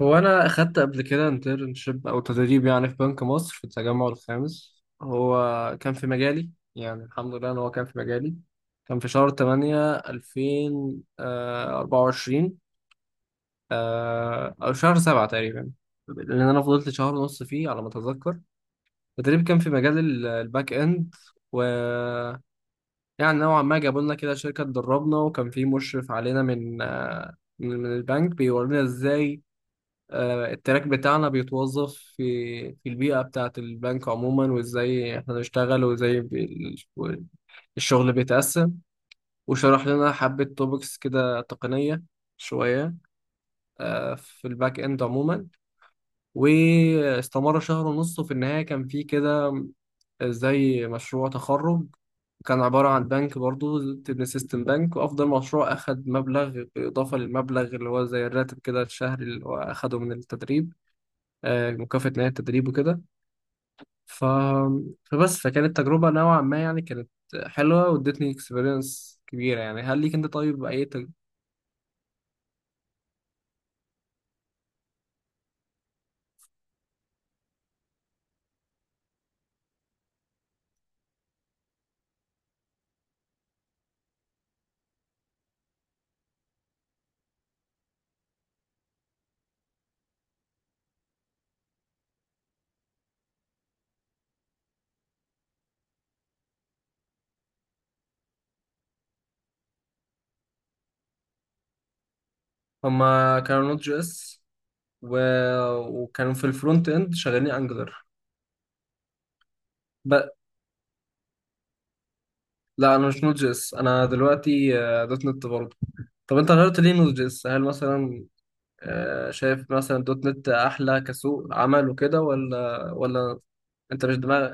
هو انا اخدت قبل كده انترنشيب او تدريب، يعني في بنك مصر في التجمع الخامس. هو كان في مجالي، يعني الحمد لله ان هو كان في مجالي. كان في شهر 8 2024، او شهر 7 تقريبا، لان انا فضلت شهر ونص فيه على ما اتذكر. التدريب كان في مجال الباك اند. و يعني نوعا ما جابوا لنا كده شركه تدربنا، وكان في مشرف علينا من البنك بيورينا ازاي التراك بتاعنا بيتوظف في البيئة بتاعة البنك عموما، وازاي احنا بنشتغل، وازاي ال- الشغل بيتقسم. وشرح لنا حبة توبكس كده تقنية شوية، في الباك اند عموما. واستمر شهر ونص، وفي النهاية كان في كده زي مشروع تخرج. كان عبارة عن بنك برضو، تبني سيستم بنك، وأفضل مشروع أخد مبلغ بالإضافة للمبلغ اللي هو زي الراتب كده الشهري اللي هو أخده من التدريب، مكافأة نهاية التدريب وكده. ف... فبس، فكانت تجربة نوعا ما، يعني كانت حلوة وادتني اكسبيرينس كبيرة. يعني هل ليك انت، طيب، اي. هما كانوا نوت جي اس و... وكانوا في الفرونت اند شغالين انجلر. ب... لا، انا مش نوت جي اس، انا دلوقتي دوت نت برضه. طب انت غيرت ليه نوت جي اس؟ هل مثلا شايف مثلا دوت نت احلى كسوق عمل وكده، ولا؟ انت مش دماغ.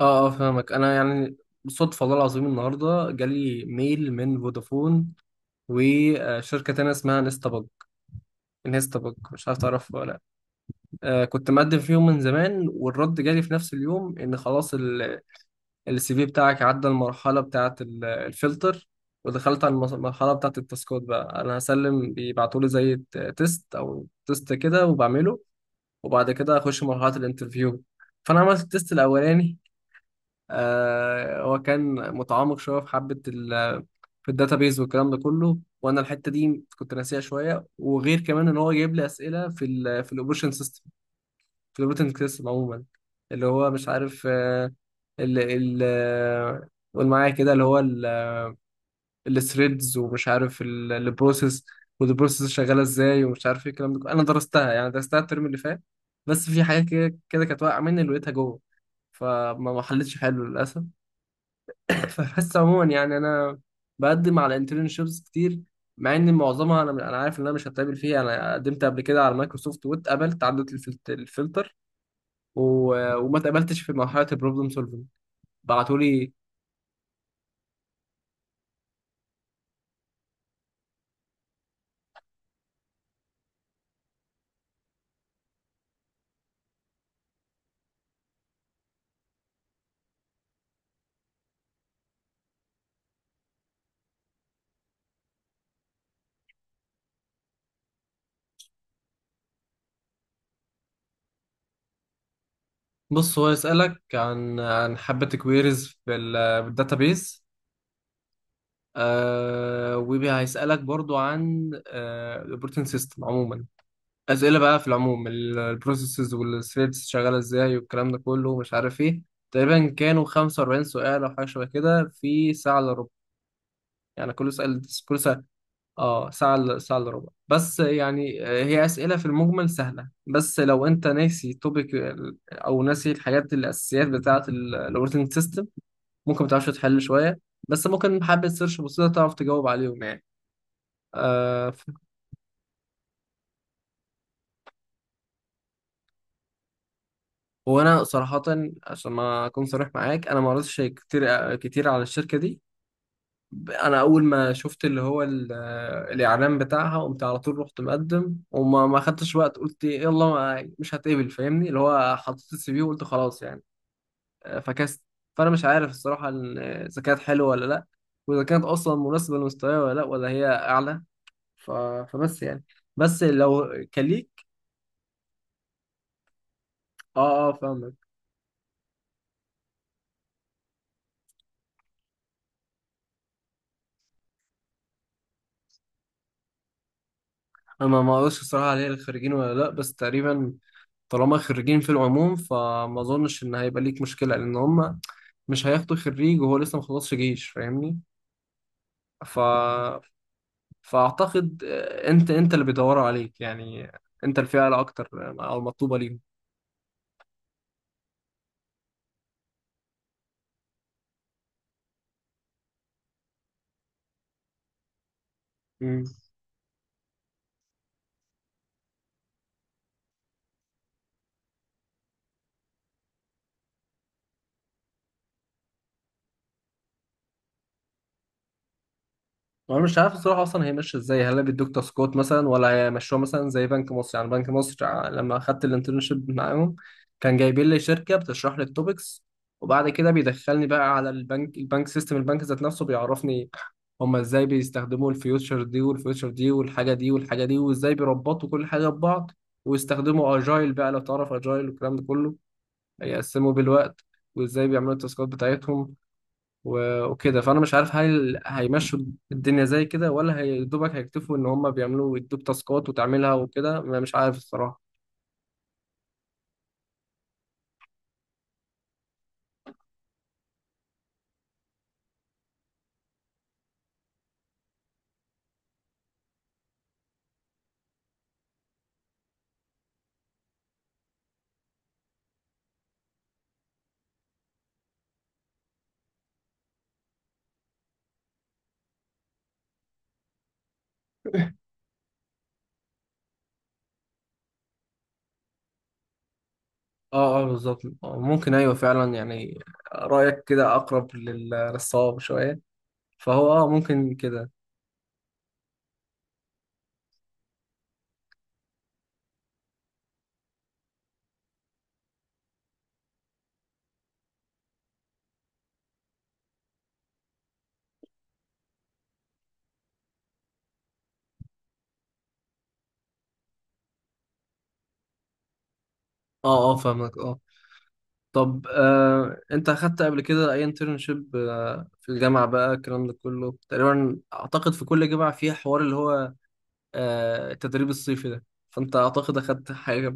اه اه فاهمك، انا يعني صدفة والله العظيم النهاردة جالي ميل من فودافون وشركة تانية اسمها نستبج. نستبج، مش عارف تعرفها ولا لا؟ آه، كنت مقدم فيهم من زمان، والرد جالي في نفس اليوم ان خلاص، السي في بتاعك عدى المرحلة بتاعة الفلتر، ودخلت على المرحلة بتاعة التاسكات. بقى انا هسلم، بيبعتولي زي تيست او تيست كده وبعمله، وبعد كده اخش مرحلة الانترفيو. فانا عملت التيست الاولاني، هو كان متعمق شويه في حبه في الداتابيز والكلام ده كله، وانا الحته دي كنت ناسيها شويه، وغير كمان ان هو جايب لي اسئله في الاوبريشن سيستم، في الاوبريشن سيستم عموما، اللي هو مش عارف آه، ال ال آه، قول معايا كده اللي هو الثريدز، ومش عارف البروسيس، والبروسيس شغاله ازاي، ومش عارف ايه الكلام ده كله. انا درستها، يعني درستها الترم اللي فات، بس في حاجات كده كده كانت واقعه مني اللي لقيتها جوه، فما ما حلتش حلو للاسف. فبس عموما، يعني انا بقدم على انترنشيبس كتير، مع ان معظمها انا عارف ان انا مش هتقابل فيها. انا قدمت قبل كده على مايكروسوفت واتقبلت، عدت الفلتر، وما اتقبلتش في مرحله البروبلم سولفنج، بعتوا لي. بص، هو يسالك عن حبه كويريز في الداتابيس، آه، وهيسالك برضو عن الاوبريتنج سيستم عموما. اسئله بقى في العموم، البروسيسز والثريدز شغاله ازاي، والكلام ده كله ومش عارف ايه. تقريبا كانوا 45 سؤال او حاجه شبه كده في ساعه الا ربع. يعني كل سؤال كل سؤال، اه، ساعه الا ربع، بس يعني هي اسئله في المجمل سهله، بس لو انت ناسي توبيك او ناسي الحاجات الاساسيات بتاعه الاوبريتنج سيستم، ممكن ما تعرفش تحل شويه، بس ممكن بحبه سيرش بسيطه تعرف تجاوب عليهم يعني. آه، وانا صراحه، عشان ما اكون صريح معاك، انا ما قريتش كتير كتير على الشركه دي. انا اول ما شفت اللي هو الاعلان بتاعها، قمت على طول رحت مقدم، وما ما خدتش وقت، قلت إيه، يلا، مش هتقبل، فاهمني، اللي هو حطيت السي في وقلت خلاص يعني. فكست، فانا مش عارف الصراحه اذا كانت حلوه ولا لا، واذا كانت اصلا مناسبه لمستواي ولا لا، ولا هي اعلى. ف... فبس يعني، بس لو كليك. اه اه فاهمك. انا ما اقولش الصراحه عليها الخريجين ولا لا، بس تقريبا طالما خريجين في العموم فما اظنش ان هيبقى ليك مشكله، لان هم مش هياخدوا خريج وهو لسه ما خلصش جيش، فاهمني. ف... فاعتقد انت اللي بيدوروا عليك، يعني انت الفئه الاكتر، او المطلوبه ليهم. انا مش عارف الصراحه اصلا هي ماشيه ازاي. هل بيدوك تاسكات مثلا، ولا هيمشوها مثلا زي بنك مصر؟ يعني بنك مصر، لما اخدت الانترنشيب معاهم، كان جايبين لي شركه بتشرح لي التوبكس، وبعد كده بيدخلني بقى على البنك، البنك سيستم، البنك ذات نفسه بيعرفني هما ازاي بيستخدموا الفيوتشر دي والفيوتشر دي، والحاجه دي والحاجه دي، وازاي بيربطوا كل حاجه ببعض، ويستخدموا اجايل بقى لو تعرف اجايل والكلام ده كله، هيقسموا بالوقت، وازاي بيعملوا التاسكات بتاعتهم وكده. فانا مش عارف هل هيمشوا الدنيا زي كده، ولا هيدوبك هيكتفوا ان هم بيعملوا يدوك تاسكات وتعملها وكده. مش عارف الصراحه. اه اه بالظبط، ممكن، ايوه فعلا يعني، رايك كده اقرب للصواب شويه، فهو اه ممكن كده. اه اه فاهمك، اه. طب انت اخدت قبل كده اي انترنشيب في الجامعه بقى؟ الكلام ده كله تقريبا اعتقد في كل جامعه فيها حوار اللي هو التدريب الصيفي ده، فانت اعتقد اخدت حاجه.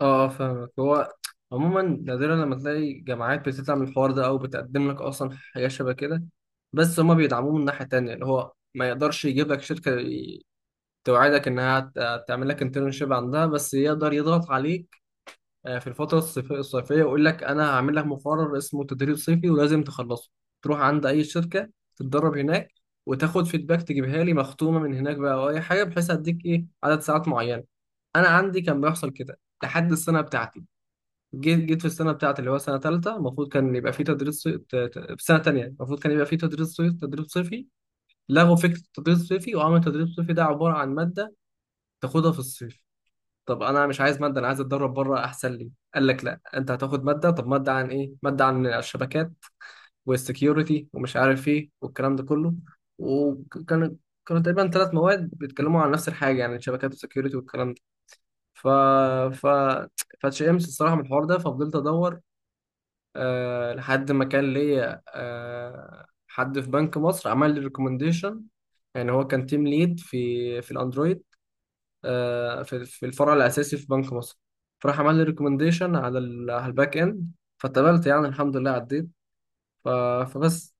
اه فاهمك. هو عموما نادرا لما تلاقي جامعات بتطلع من الحوار ده او بتقدم لك اصلا حاجه شبه كده، بس هما بيدعموه من ناحيه تانية اللي هو ما يقدرش يجيب لك شركه توعدك انها تعمل لك انترنشيب عندها، بس يقدر يضغط عليك في الفتره الصيفيه، ويقول لك انا هعمل لك مقرر اسمه تدريب صيفي ولازم تخلصه، تروح عند اي شركه تتدرب هناك، وتاخد فيدباك تجيبها لي مختومه من هناك بقى او اي حاجه، بحيث اديك ايه عدد ساعات معينه. انا عندي كان بيحصل كده لحد السنه بتاعتي. جيت في السنه بتاعتي اللي هو سنه ثالثه. المفروض كان يبقى في تدريس صي- ت- ت- في سنه ثانيه المفروض كان يبقى في تدريس صيف، تدريس صيفي. لغوا فكره التدريس الصيفي، وعملوا التدريس الصيفي ده عباره عن ماده تاخدها في الصيف. طب انا مش عايز ماده، انا عايز اتدرب بره، احسن لي. قال لك لا، انت هتاخد ماده. طب ماده عن ايه؟ ماده عن الشبكات والسكيورتي ومش عارف ايه والكلام ده كله، وكان كانوا تقريبا ثلاث مواد بيتكلموا عن نفس الحاجه، يعني الشبكات والسكيورتي والكلام ده. ف ف فاتشئمت الصراحه من الحوار ده، ففضلت ادور لحد ما كان ليا حد في بنك مصر عمل لي ريكومنديشن. يعني هو كان تيم ليد في الاندرويد، في الفرع الاساسي في بنك مصر، فراح عمل لي ريكومنديشن على على الباك اند، فاتقبلت يعني الحمد لله، عديت. ف- فبس.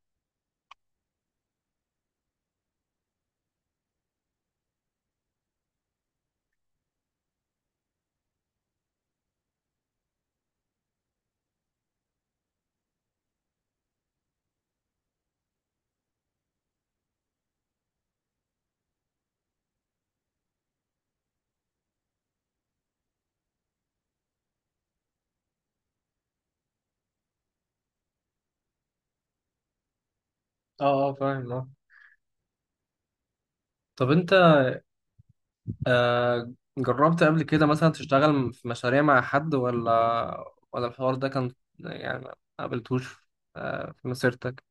اه اه فاهم اه. طب انت آه جربت قبل كده مثلا تشتغل في مشاريع مع حد، ولا ولا الحوار ده كان يعني ما قابلتوش في مسيرتك؟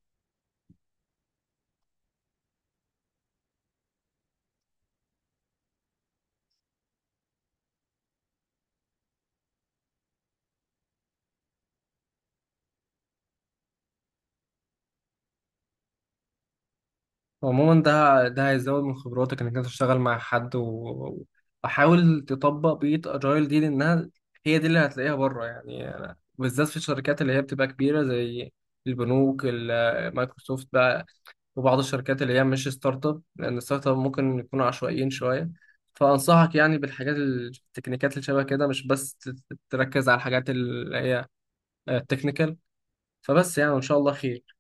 عموما، ده هيزود من خبراتك انك انت تشتغل مع حد، وحاول تطبق بيئة اجايل دي، لانها هي دي اللي هتلاقيها بره. يعني أنا- بالذات في الشركات اللي هي بتبقى كبيرة زي البنوك، مايكروسوفت بقى، وبعض الشركات اللي هي مش ستارت اب، لان الستارت اب ممكن يكونوا عشوائيين شوية. فانصحك يعني بالحاجات التكنيكات اللي شبه كده، مش بس تركز على الحاجات اللي هي التكنيكال. فبس يعني، ان شاء الله خير.